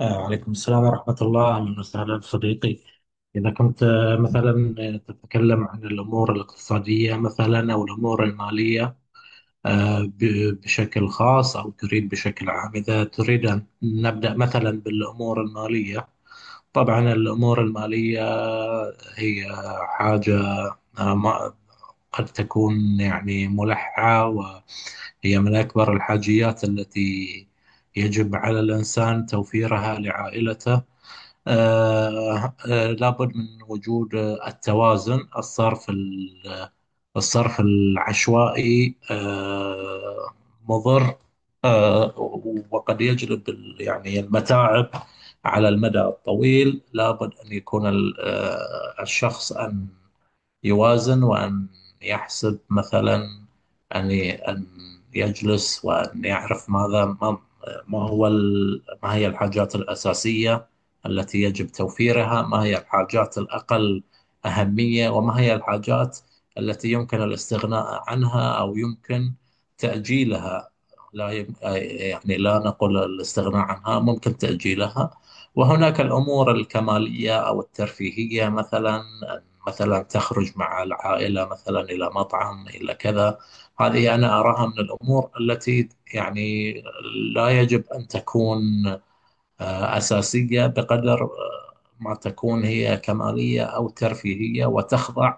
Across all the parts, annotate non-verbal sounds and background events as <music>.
وعليكم السلام ورحمة الله، أهلا وسهلا صديقي. إذا كنت مثلا تتكلم عن الأمور الاقتصادية، مثلا، أو الأمور المالية بشكل خاص، أو تريد بشكل عام. إذا تريد أن نبدأ مثلا بالأمور المالية، طبعا الأمور المالية هي حاجة آه، ما- قد تكون يعني ملحة، وهي من أكبر الحاجيات التي يجب على الإنسان توفيرها لعائلته. لابد من وجود التوازن. الصرف الصرف العشوائي مضر، آه، وقد يجلب يعني المتاعب على المدى الطويل. لابد أن يكون الشخص أن يوازن، وأن يحسب مثلا، أن يجلس وأن يعرف ماذا ما ما هو ال- ما هي الحاجات الأساسية التي يجب توفيرها، ما هي الحاجات الأقل أهمية، وما هي الحاجات التي يمكن الاستغناء عنها أو يمكن تأجيلها. لا يم... يعني لا نقول الاستغناء عنها، ممكن تأجيلها. وهناك الأمور الكمالية أو الترفيهية، مثلا تخرج مع العائلة مثلا إلى مطعم، إلى كذا. هذه أنا أراها من الأمور التي يعني لا يجب أن تكون أساسية بقدر ما تكون هي كمالية أو ترفيهية، وتخضع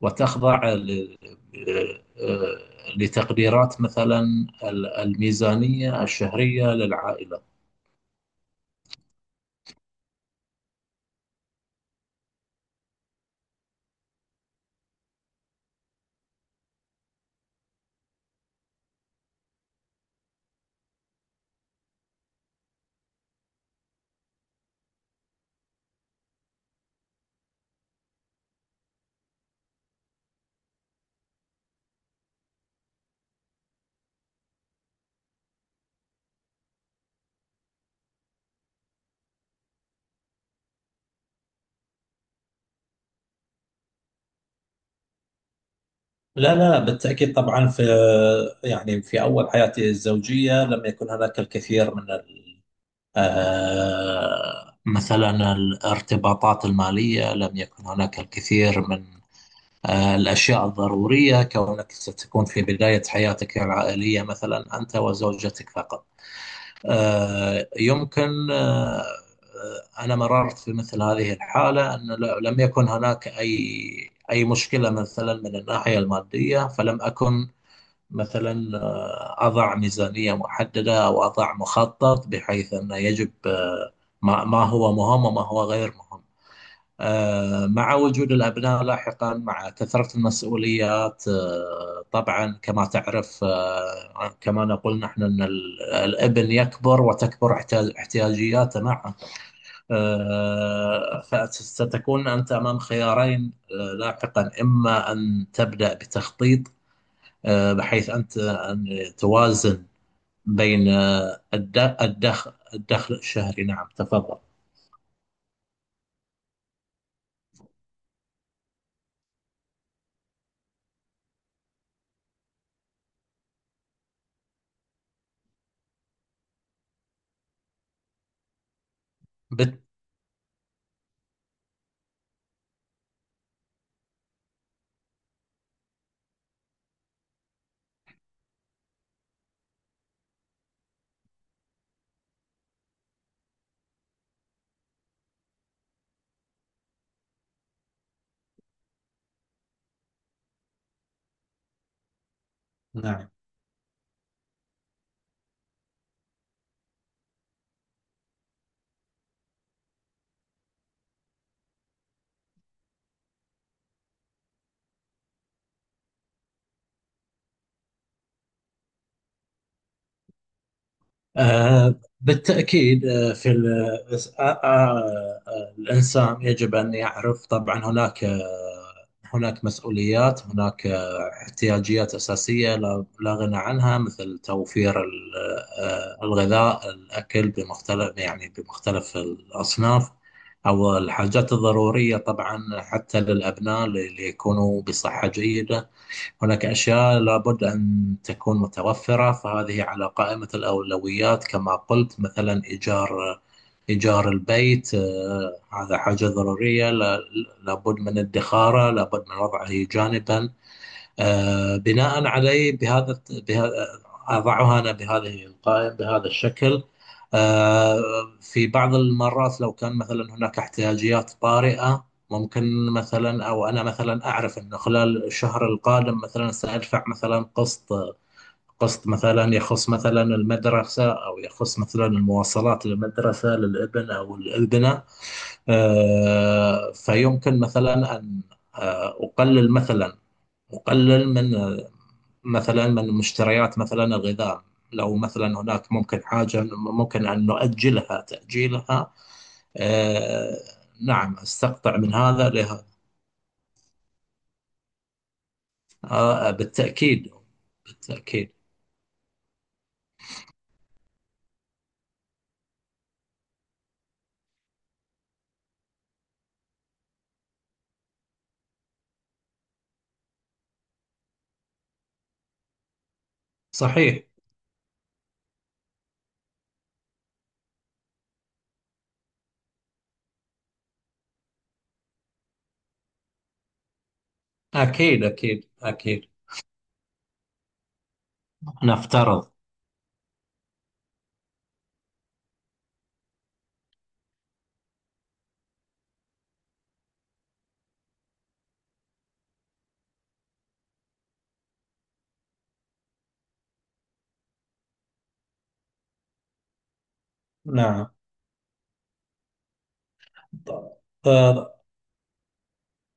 وتخضع ل- لتقديرات مثلا الميزانية الشهرية للعائلة. لا، لا، بالتأكيد. طبعا، يعني في أول حياتي الزوجية لم يكن هناك الكثير من مثلا الارتباطات المالية، لم يكن هناك الكثير من الأشياء الضرورية، كونك ستكون في بداية حياتك العائلية مثلا أنت وزوجتك فقط. يمكن أنا مررت في مثل هذه الحالة، لم يكن هناك أي مشكلة مثلا من الناحية المادية، فلم أكن مثلا أضع ميزانية محددة أو أضع مخطط بحيث أن يجب ما هو مهم وما هو غير مهم. مع وجود الأبناء لاحقا، مع كثرة المسؤوليات، طبعا كما تعرف، كما نقول نحن، أن الابن يكبر، وتكبر احتياجياته معه. فستكون أنت أمام خيارين لاحقا، إما أن تبدأ بتخطيط بحيث أنت أن توازن بين الدخل، الشهري. نعم، تفضل. بت- نعم. آه، بالتأكيد. آه، في ال- آه، آه، آه، الإنسان يجب أن يعرف طبعا. هناك مسؤوليات، هناك احتياجيات أساسية لا غنى عنها، مثل توفير الغذاء، الأكل يعني بمختلف الأصناف، أو الحاجات الضرورية، طبعا حتى للأبناء ليكونوا بصحة جيدة. هناك أشياء لابد أن تكون متوفرة، فهذه على قائمة الأولويات. كما قلت، مثلا إيجار البيت، هذا حاجة ضرورية. لابد من ادخاره، لابد من وضعه جانبا. بناء عليه، بهذا أضعها أنا، بهذه القائمة بهذا الشكل. آه، في بعض المرات، لو كان مثلا هناك احتياجيات طارئة ممكن، مثلا أو أنا مثلا أعرف أنه خلال الشهر القادم مثلا سأدفع مثلا قسط، مثلا يخص مثلا المدرسة، أو يخص مثلا المواصلات للمدرسة، للابن أو الابنة. فيمكن مثلا أن أقلل مثلا، وقلل مثلا من مشتريات مثلا الغذاء، لو مثلا هناك ممكن حاجة ممكن أن تأجيلها. آه نعم، استقطع من هذا لهذا. بالتأكيد. بالتأكيد. صحيح. أكيد، أكيد، أكيد. نفترض. نعم.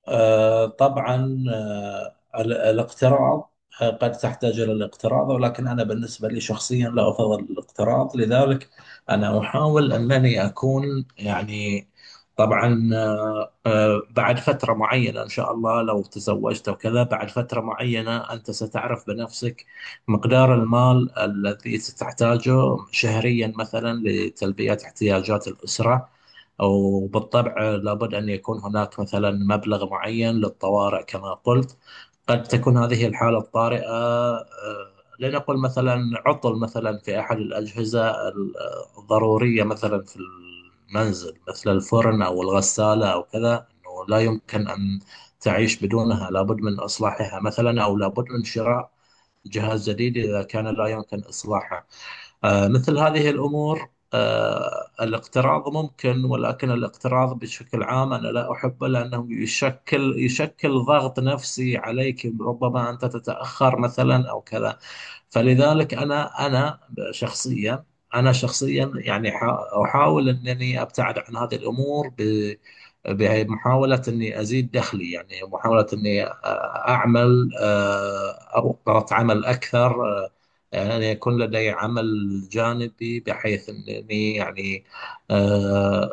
طبعا الاقتراض، قد تحتاج إلى الاقتراض، ولكن أنا بالنسبة لي شخصيا لا أفضل الاقتراض. لذلك أنا أحاول أنني أكون، يعني، طبعا بعد فترة معينة إن شاء الله، لو تزوجت وكذا، بعد فترة معينة أنت ستعرف بنفسك مقدار المال الذي ستحتاجه شهريا مثلا لتلبية احتياجات الأسرة. أو بالطبع لابد أن يكون هناك مثلا مبلغ معين للطوارئ، كما قلت. قد تكون هذه الحالة الطارئة لنقل مثلا عطل مثلا في أحد الأجهزة الضرورية مثلا في المنزل، مثل الفرن أو الغسالة أو كذا، أنه لا يمكن أن تعيش بدونها، لابد من إصلاحها مثلا، أو لابد من شراء جهاز جديد إذا كان لا يمكن إصلاحه. مثل هذه الأمور، الاقتراض ممكن، ولكن الاقتراض بشكل عام أنا لا أحبه، لأنه يشكل ضغط نفسي عليك، ربما أنت تتأخر مثلا أو كذا. فلذلك أنا شخصيا، يعني أحاول أنني أبتعد عن هذه الأمور بمحاولة أني أزيد دخلي، يعني محاولة أني أعمل أوقات عمل أكثر، يعني يكون لدي عمل جانبي، بحيث أنني يعني آه،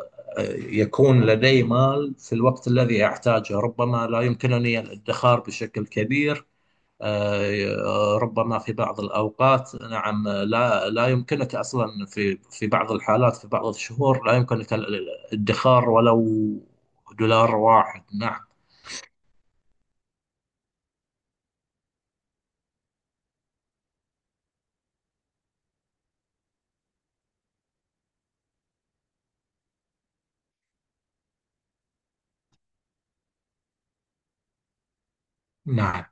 يكون لدي مال في الوقت الذي أحتاجه. ربما لا يمكنني الادخار بشكل كبير، ربما في بعض الأوقات، نعم، لا يمكنك أصلا، في بعض الحالات، في بعض الشهور، لا يمكنك الادخار ولو دولار واحد. نعم. نعم.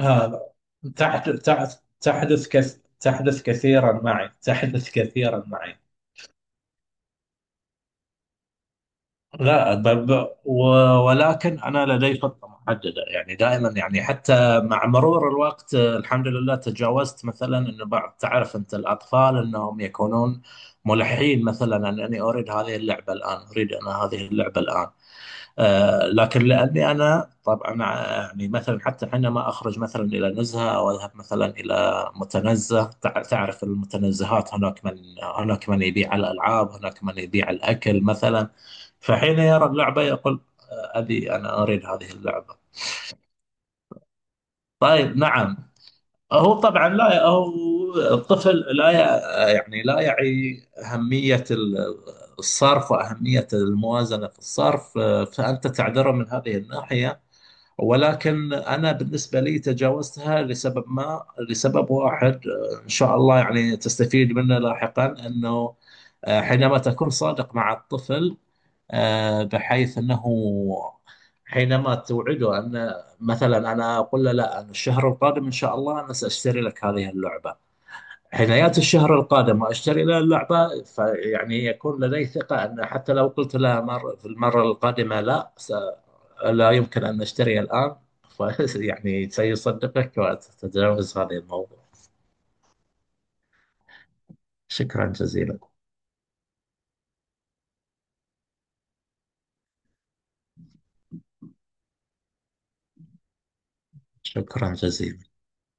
هذا... تحدث كثيرا معي، تحدث كثيرا معي. لا. ولكن أنا لدي خطة محددة، يعني دائما، يعني حتى مع مرور الوقت، الحمد لله، تجاوزت مثلا، أنه بعض... تعرف أنت الأطفال أنهم يكونون ملحين، مثلا: أنني أريد هذه اللعبة الآن، أريد أنا هذه اللعبة الآن. لكن لاني انا طبعا يعني مثلا، حتى حينما اخرج مثلا الى نزهه او اذهب مثلا الى متنزه، تعرف المتنزهات، هناك من يبيع الالعاب، هناك من يبيع الاكل مثلا. فحين يرى اللعبه يقول: ابي، انا اريد هذه اللعبه. طيب، نعم. هو طبعا، لا، هو الطفل لا يعني لا يعي أهمية الصرف، وأهمية الموازنة في الصرف. فأنت تعذره من هذه الناحية، ولكن أنا بالنسبة لي تجاوزتها لسبب ما، لسبب واحد إن شاء الله يعني تستفيد منه لاحقا، أنه حينما تكون صادق مع الطفل، بحيث أنه حينما توعده، أن مثلا أنا أقول له: لا، أنا الشهر القادم إن شاء الله أنا سأشتري لك هذه اللعبة، عنايات الشهر القادم وأشتري لها اللعبة، فيعني يكون لدي ثقة أن حتى لو قلت لها مر في المرة القادمة لا يمكن أن أشتري الآن، <laughs> يعني سيصدقك، وتتجاوز هذا الموضوع. شكرا جزيلا. شكرا جزيلا.